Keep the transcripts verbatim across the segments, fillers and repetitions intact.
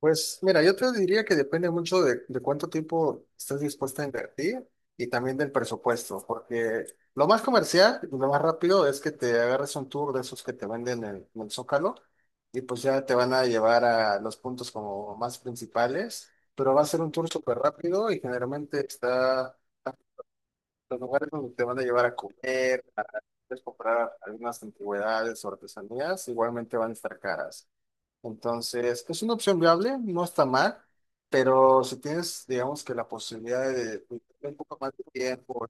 Pues mira, yo te diría que depende mucho de, de cuánto tiempo estés dispuesta a invertir y también del presupuesto, porque lo más comercial y lo más rápido es que te agarres un tour de esos que te venden en, en el Zócalo y pues ya te van a llevar a los puntos como más principales, pero va a ser un tour súper rápido y generalmente está los lugares donde te van a llevar a comer, a puedes comprar algunas antigüedades o artesanías, igualmente van a estar caras. Entonces, es una opción viable, no está mal, pero si tienes, digamos que la posibilidad de un poco más de tiempo,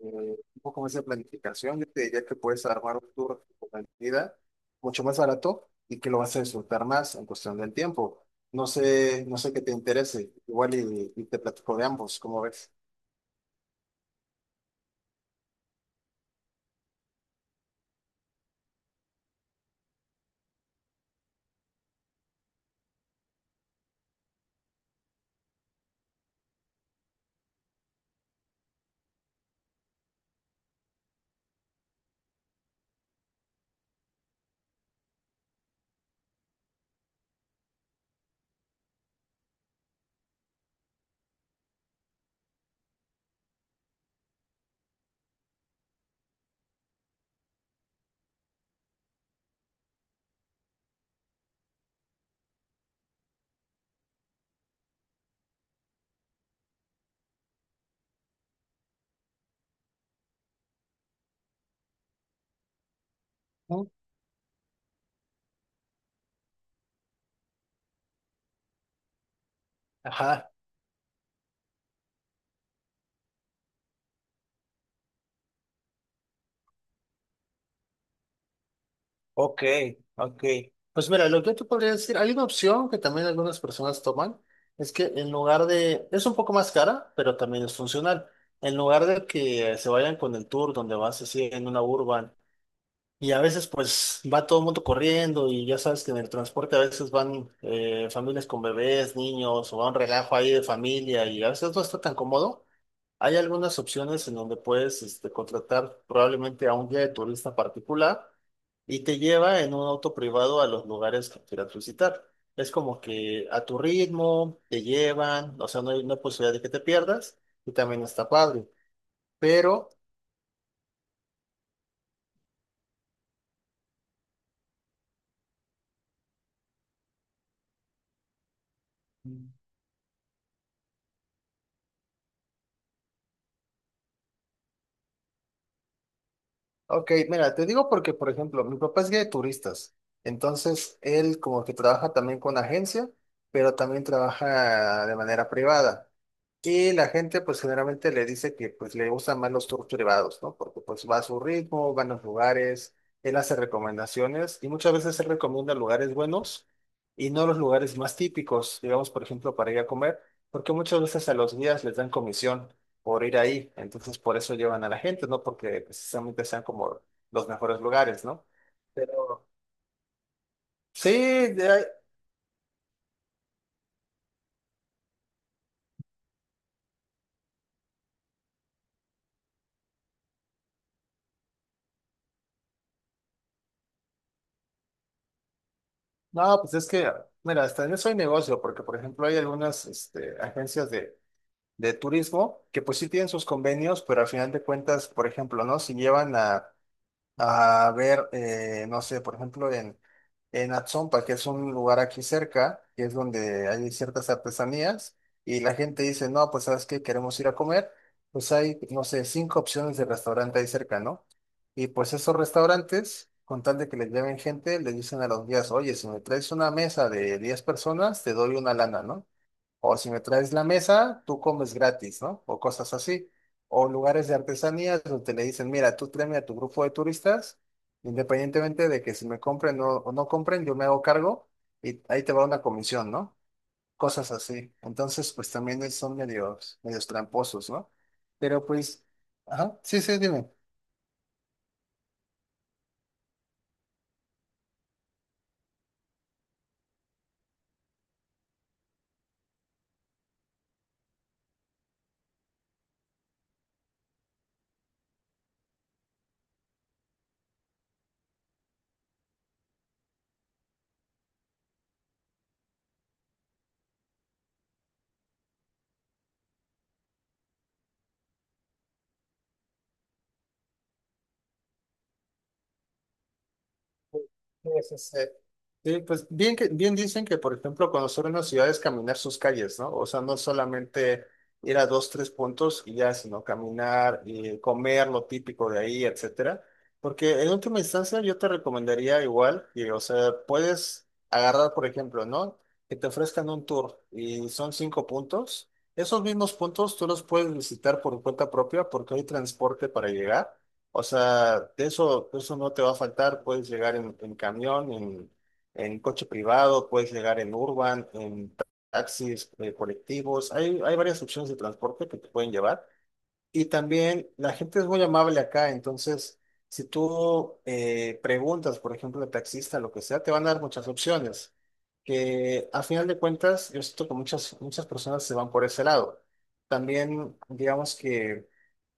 eh, un poco más de planificación, yo te diría que puedes armar un tour con calidad mucho más barato y que lo vas a disfrutar más en cuestión del tiempo. No sé, no sé qué te interese, igual y, y te platico de ambos, ¿cómo ves? ¿No? Ajá. Ok, ok. Pues mira, lo que yo te podría decir, hay una opción que también algunas personas toman, es que en lugar de, es un poco más cara, pero también es funcional. En lugar de que se vayan con el tour donde vas así en una urban y a veces pues va todo el mundo corriendo y ya sabes que en el transporte a veces van eh, familias con bebés, niños o va un relajo ahí de familia y a veces no está tan cómodo. Hay algunas opciones en donde puedes este, contratar probablemente a un guía de turista particular y te lleva en un auto privado a los lugares que quieras visitar. Es como que a tu ritmo te llevan, o sea, no hay, no hay posibilidad de que te pierdas y también está padre. Pero ok, mira, te digo porque, por ejemplo, mi papá es guía de turistas, entonces él como que trabaja también con agencia, pero también trabaja de manera privada. Y la gente pues generalmente le dice que pues le gustan más los tours privados, ¿no? Porque pues va a su ritmo, va a los lugares, él hace recomendaciones y muchas veces él recomienda lugares buenos y no los lugares más típicos, digamos, por ejemplo, para ir a comer, porque muchas veces a los guías les dan comisión por ir ahí. Entonces, por eso llevan a la gente, ¿no? Porque precisamente sean como los mejores lugares, ¿no? Pero sí, de ahí- no, pues es que, mira, hasta en eso hay negocio, porque por ejemplo hay algunas este, agencias de, de turismo que pues sí tienen sus convenios, pero al final de cuentas, por ejemplo, ¿no? Si llevan a a ver, eh, no sé, por ejemplo, en, en Atzompa, que es un lugar aquí cerca, que es donde hay ciertas artesanías, y la gente dice, no, pues sabes qué, queremos ir a comer, pues hay, no sé, cinco opciones de restaurante ahí cerca, ¿no? Y pues esos restaurantes, con tal de que les lleven gente, les dicen a los guías, oye, si me traes una mesa de diez personas, te doy una lana, ¿no? O si me traes la mesa, tú comes gratis, ¿no? O cosas así. O lugares de artesanías donde le dicen, mira, tú tráeme a tu grupo de turistas, independientemente de que si me compren o, o no compren, yo me hago cargo y ahí te va una comisión, ¿no? Cosas así. Entonces, pues también es- son medios, medios tramposos, ¿no? Pero pues, ajá, sí, sí, dime. Sí, sí, sí. Sí, pues bien que bien dicen que, por ejemplo, conocer una ciudad es caminar sus calles, ¿no? O sea, no solamente ir a dos, tres puntos y ya, sino caminar y comer lo típico de ahí, etcétera. Porque en última instancia yo te recomendaría igual que, o sea, puedes agarrar, por ejemplo, ¿no? Que te ofrezcan un tour y son cinco puntos. Esos mismos puntos tú los puedes visitar por cuenta propia porque hay transporte para llegar. O sea, de eso, de eso no te va a faltar. Puedes llegar en, en camión, en, en coche privado, puedes llegar en urban, en taxis, eh, colectivos. Hay, hay varias opciones de transporte que te pueden llevar. Y también la gente es muy amable acá. Entonces, si tú eh, preguntas, por ejemplo, al taxista, lo que sea, te van a dar muchas opciones. Que a final de cuentas, yo siento que muchas, muchas personas se van por ese lado. También, digamos que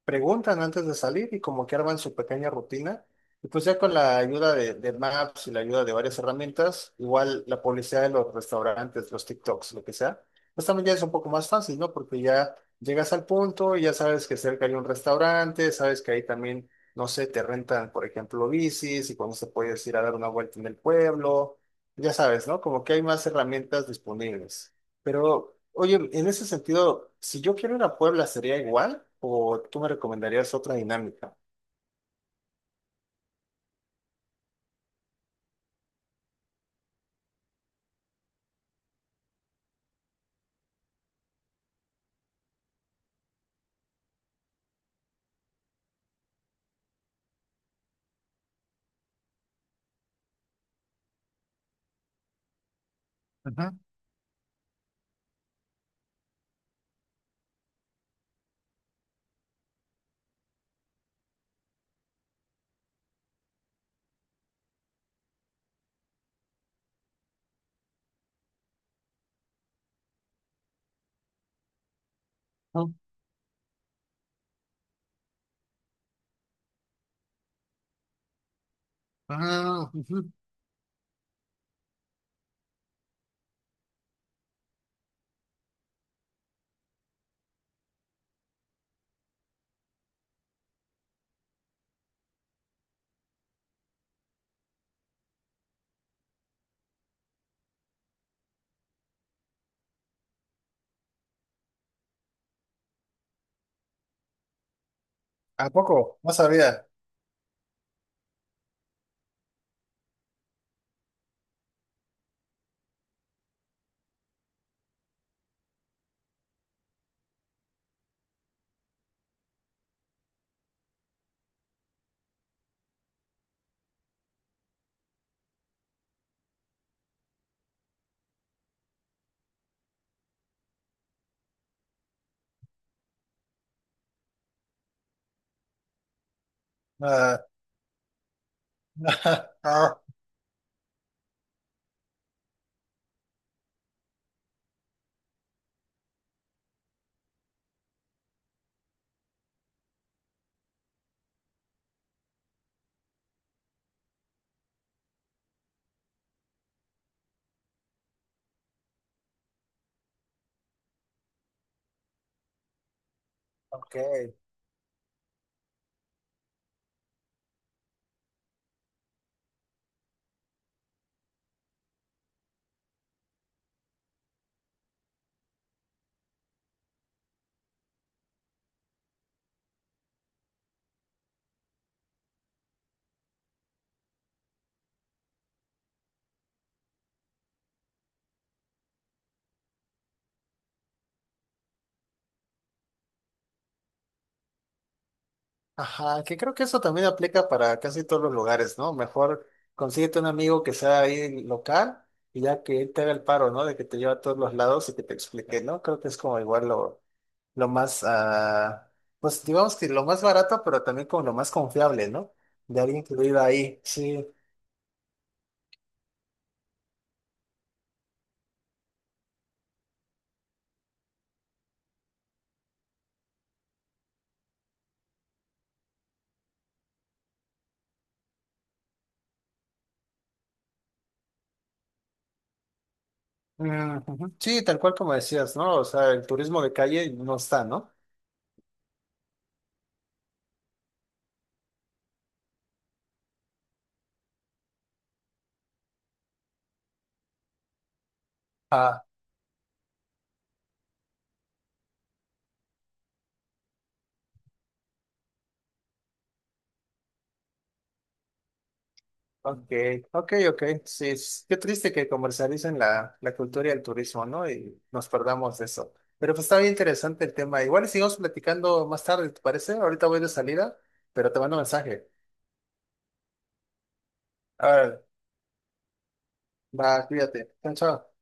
preguntan antes de salir y como que arman su pequeña rutina. Y pues ya con la ayuda de, de Maps y la ayuda de varias herramientas, igual la publicidad de los restaurantes, los TikToks, lo que sea, pues también ya es un poco más fácil, ¿no? Porque ya llegas al punto y ya sabes que cerca hay un restaurante, sabes que ahí también, no sé, te rentan, por ejemplo, bicis y cuando se puedes ir a dar una vuelta en el pueblo, ya sabes, ¿no? Como que hay más herramientas disponibles. Pero, oye, en ese sentido, si yo quiero ir a Puebla, ¿sería igual? ¿O tú me recomendarías otra dinámica? Ajá, ujú, ah, ujú. ¿A poco? No sabía. Ah, ah, ok. Ajá, que creo que eso también aplica para casi todos los lugares, ¿no? Mejor consíguete un amigo que sea ahí local y ya que él te haga el paro, ¿no? De que te lleva a todos los lados y que te explique, ¿no? Creo que es como igual lo, lo más, ah, pues digamos que lo más barato, pero también como lo más confiable, ¿no? De haber incluido ahí, sí. Mm, ujú. Sí, tal cual como decías, ¿no? O sea, el turismo de calle no está, ¿no? Ah, ok, ok, ok. Sí, es- qué triste que comercialicen la, la cultura y el turismo, ¿no? Y nos perdamos de eso. Pero pues está bien interesante el tema. Igual y sigamos platicando más tarde, ¿te parece? Ahorita voy de salida, pero te mando un mensaje. A ver, va, cuídate. Chao, chao.